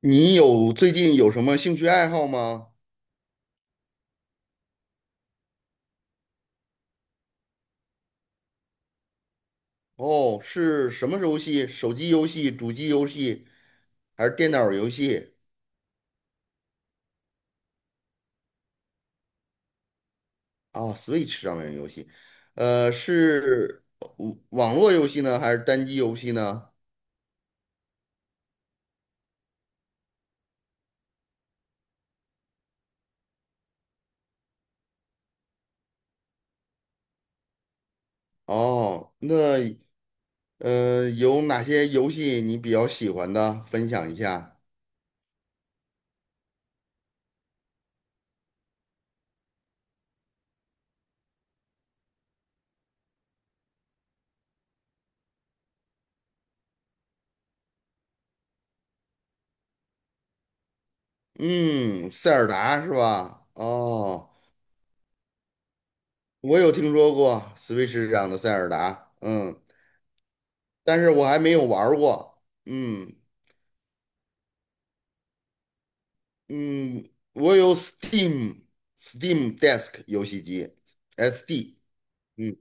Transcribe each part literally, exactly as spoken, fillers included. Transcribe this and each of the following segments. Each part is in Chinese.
你有最近有什么兴趣爱好吗？哦，是什么游戏？手机游戏、主机游戏，还是电脑游戏？啊，Switch 上面的游戏，呃，是呃网网络游戏呢，还是单机游戏呢？哦，那呃，有哪些游戏你比较喜欢的？分享一下。嗯，塞尔达是吧？哦，我有听说过 Switch 上的塞尔达，嗯，但是我还没有玩儿过。嗯，嗯，我有 Steam Steam d e s k 游戏机，S D。嗯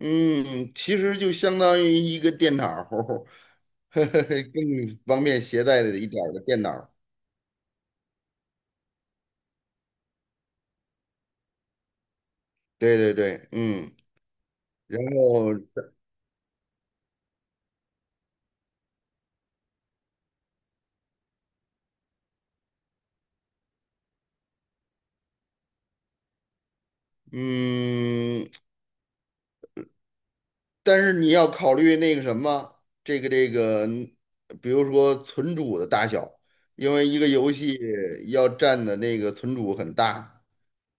嗯，其实就相当于一个电脑儿，呵呵，更方便携带的一点儿的电脑儿。对对对，嗯，然后嗯，但是你要考虑那个什么，这个这个，比如说存储的大小，因为一个游戏要占的那个存储很大，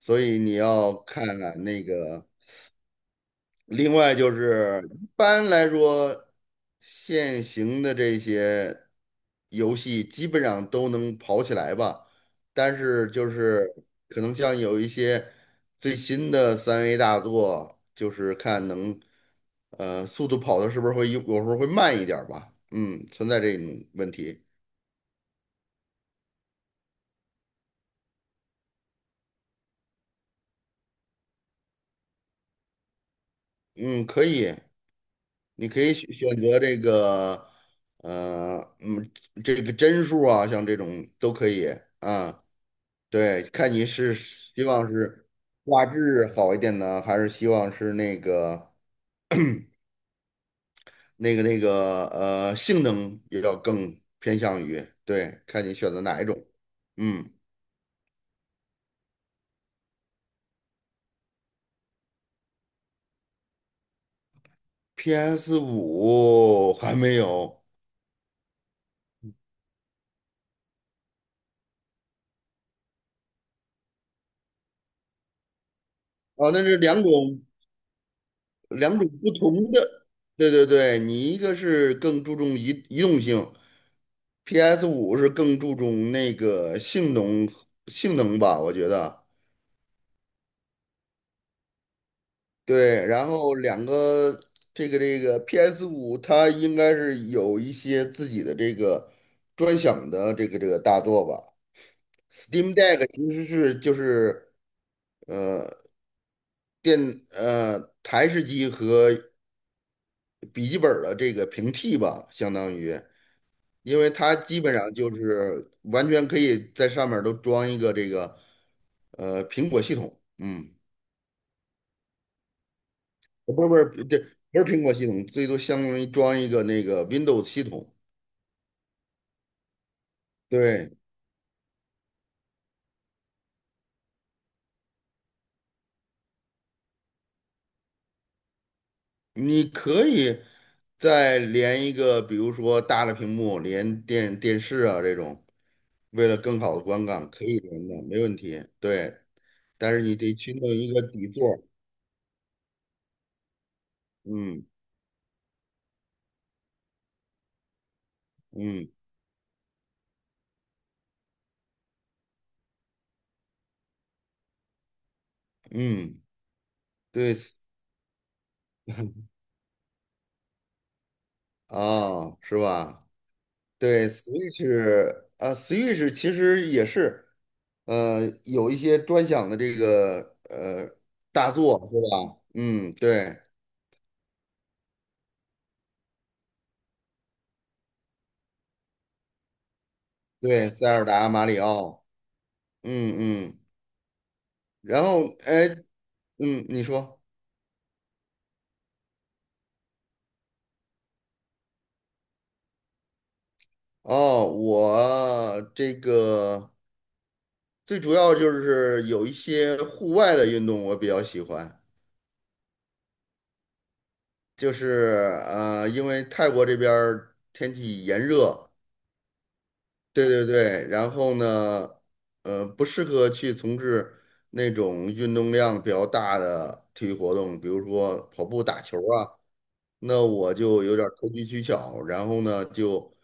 所以你要看看那个。另外就是一般来说，现行的这些游戏基本上都能跑起来吧，但是就是可能像有一些最新的三 A 大作，就是看能呃速度跑的是不是会有有时候会慢一点儿吧，嗯，存在这种问题，嗯，可以，你可以选选择这个呃嗯这个帧数啊，像这种都可以啊。对，看你是希望是画质好一点呢，还是希望是那个那个那个呃性能也要更偏向于，对，看你选择哪一种。嗯，PS 五还没有啊？那是两种两种不同的。对对对，你一个是更注重移移动性，PS 五是更注重那个性能性能吧，我觉得。对，然后两个这个这个 p s 五，它应该是有一些自己的这个专享的这个这个大作吧。Steam Deck 其实是就是电呃台式机和笔记本儿的这个平替吧，相当于，因为它基本上就是完全可以在上面儿都装一个这个呃苹果系统，嗯，不是不是，这不是苹果系统，最多相当于装一个那个 Windows 系统。对，你可以再连一个，比如说大的屏幕，连电电视啊这种，为了更好的观感，可以连的，没问题。对，但是你得去弄一个底座儿嗯嗯嗯，对，啊，是吧？对，Switch 啊，Switch 其实也是，呃，有一些专享的这个呃大作，是吧？嗯，对对，塞尔达、马里奥，嗯嗯。然后，哎，嗯，你说哦，我这个最主要就是有一些户外的运动我比较喜欢，就是呃，因为泰国这边儿天气炎热，对对对，然后呢，呃，不适合去从事那种运动量比较大的体育活动，比如说跑步、打球啊。那我就有点儿投机取巧，然后呢就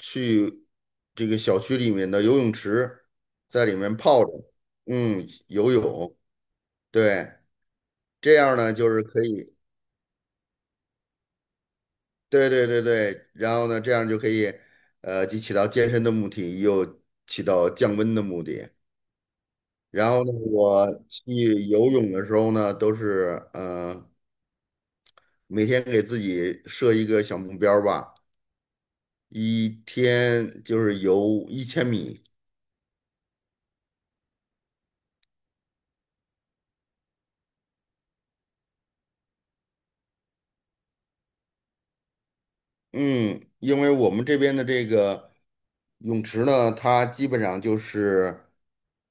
去这个小区里面的游泳池，在里面泡着，嗯，游泳，对，这样呢就是可以，对对对对，然后呢这样就可以，呃，既起到健身的目的，又起到降温的目的。然后呢，我去游泳的时候呢，都是呃每天给自己设一个小目标儿吧，一天就是游一千米。嗯，因为我们这边的这个泳池呢，它基本上就是，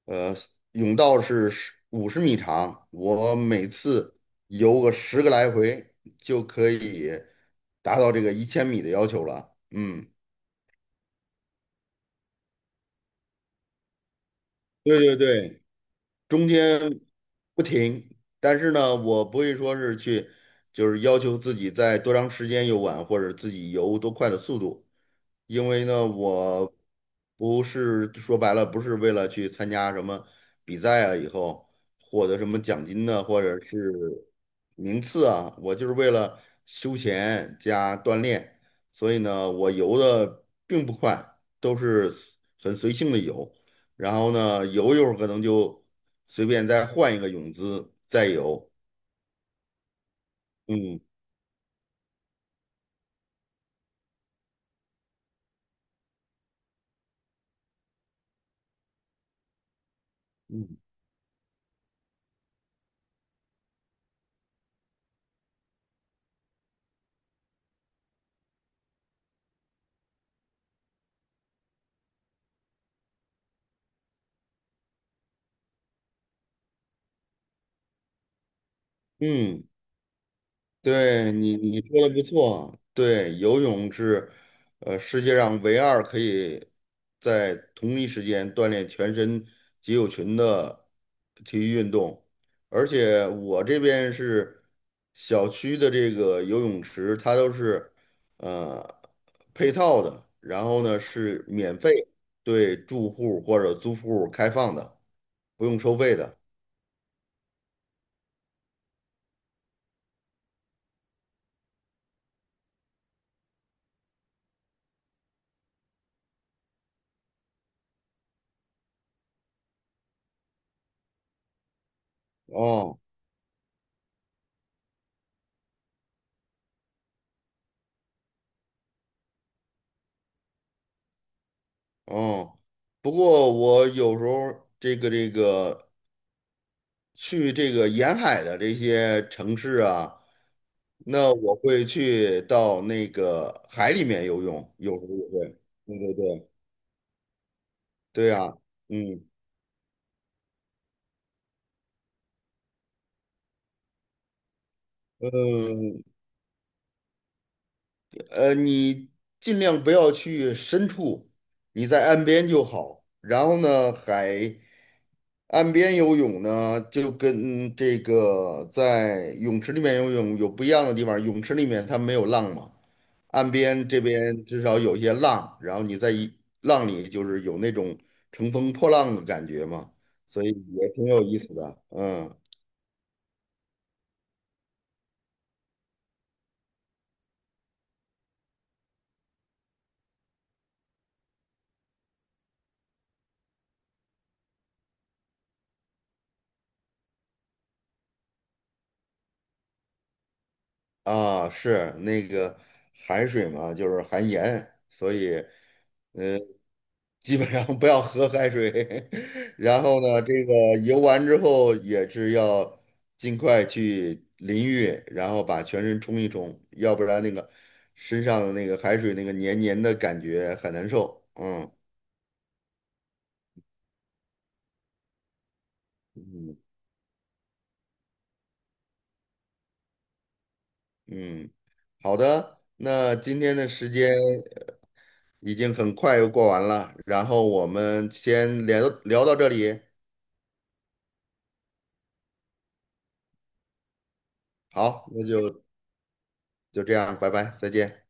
呃，泳道是五十米长，我每次游个十个来回就可以达到这个一千米的要求了。嗯，对对对，中间不停，但是呢，我不会说是去，就是要求自己在多长时间游玩，或者自己游多快的速度。因为呢，我不是说白了，不是为了去参加什么比赛啊，以后获得什么奖金呢，或者是名次啊，我就是为了休闲加锻炼，所以呢，我游的并不快，都是很随性的游，然后呢，游一会儿可能就随便再换一个泳姿再游，嗯嗯嗯。对你，你说的不错。对，游泳是，呃，世界上唯二可以在同一时间锻炼全身肌肉群的体育运动。而且我这边是小区的这个游泳池，它都是呃配套的，然后呢是免费对住户或者租户开放的，不用收费的。哦哦。不过我有时候这个这个去这个沿海的这些城市啊，那我会去到那个海里面游泳，有时候也会。对对对，对啊，嗯嗯呃，你尽量不要去深处，你在岸边就好。然后呢，海。岸边游泳呢，就跟这个在泳池里面游泳有不一样的地方。泳池里面它没有浪嘛，岸边这边至少有些浪，然后你在一浪里就是有那种乘风破浪的感觉嘛，所以也挺有意思的。嗯，啊，是那个海水嘛，就是含盐，所以呃基本上不要喝海水，然后呢，这个游完之后也是要尽快去淋浴，然后把全身冲一冲，要不然那个身上的那个海水那个黏黏的感觉很难受。嗯嗯嗯，好的，那今天的时间已经很快又过完了，然后我们先聊聊到这里，好，那就就这样，拜拜，再见。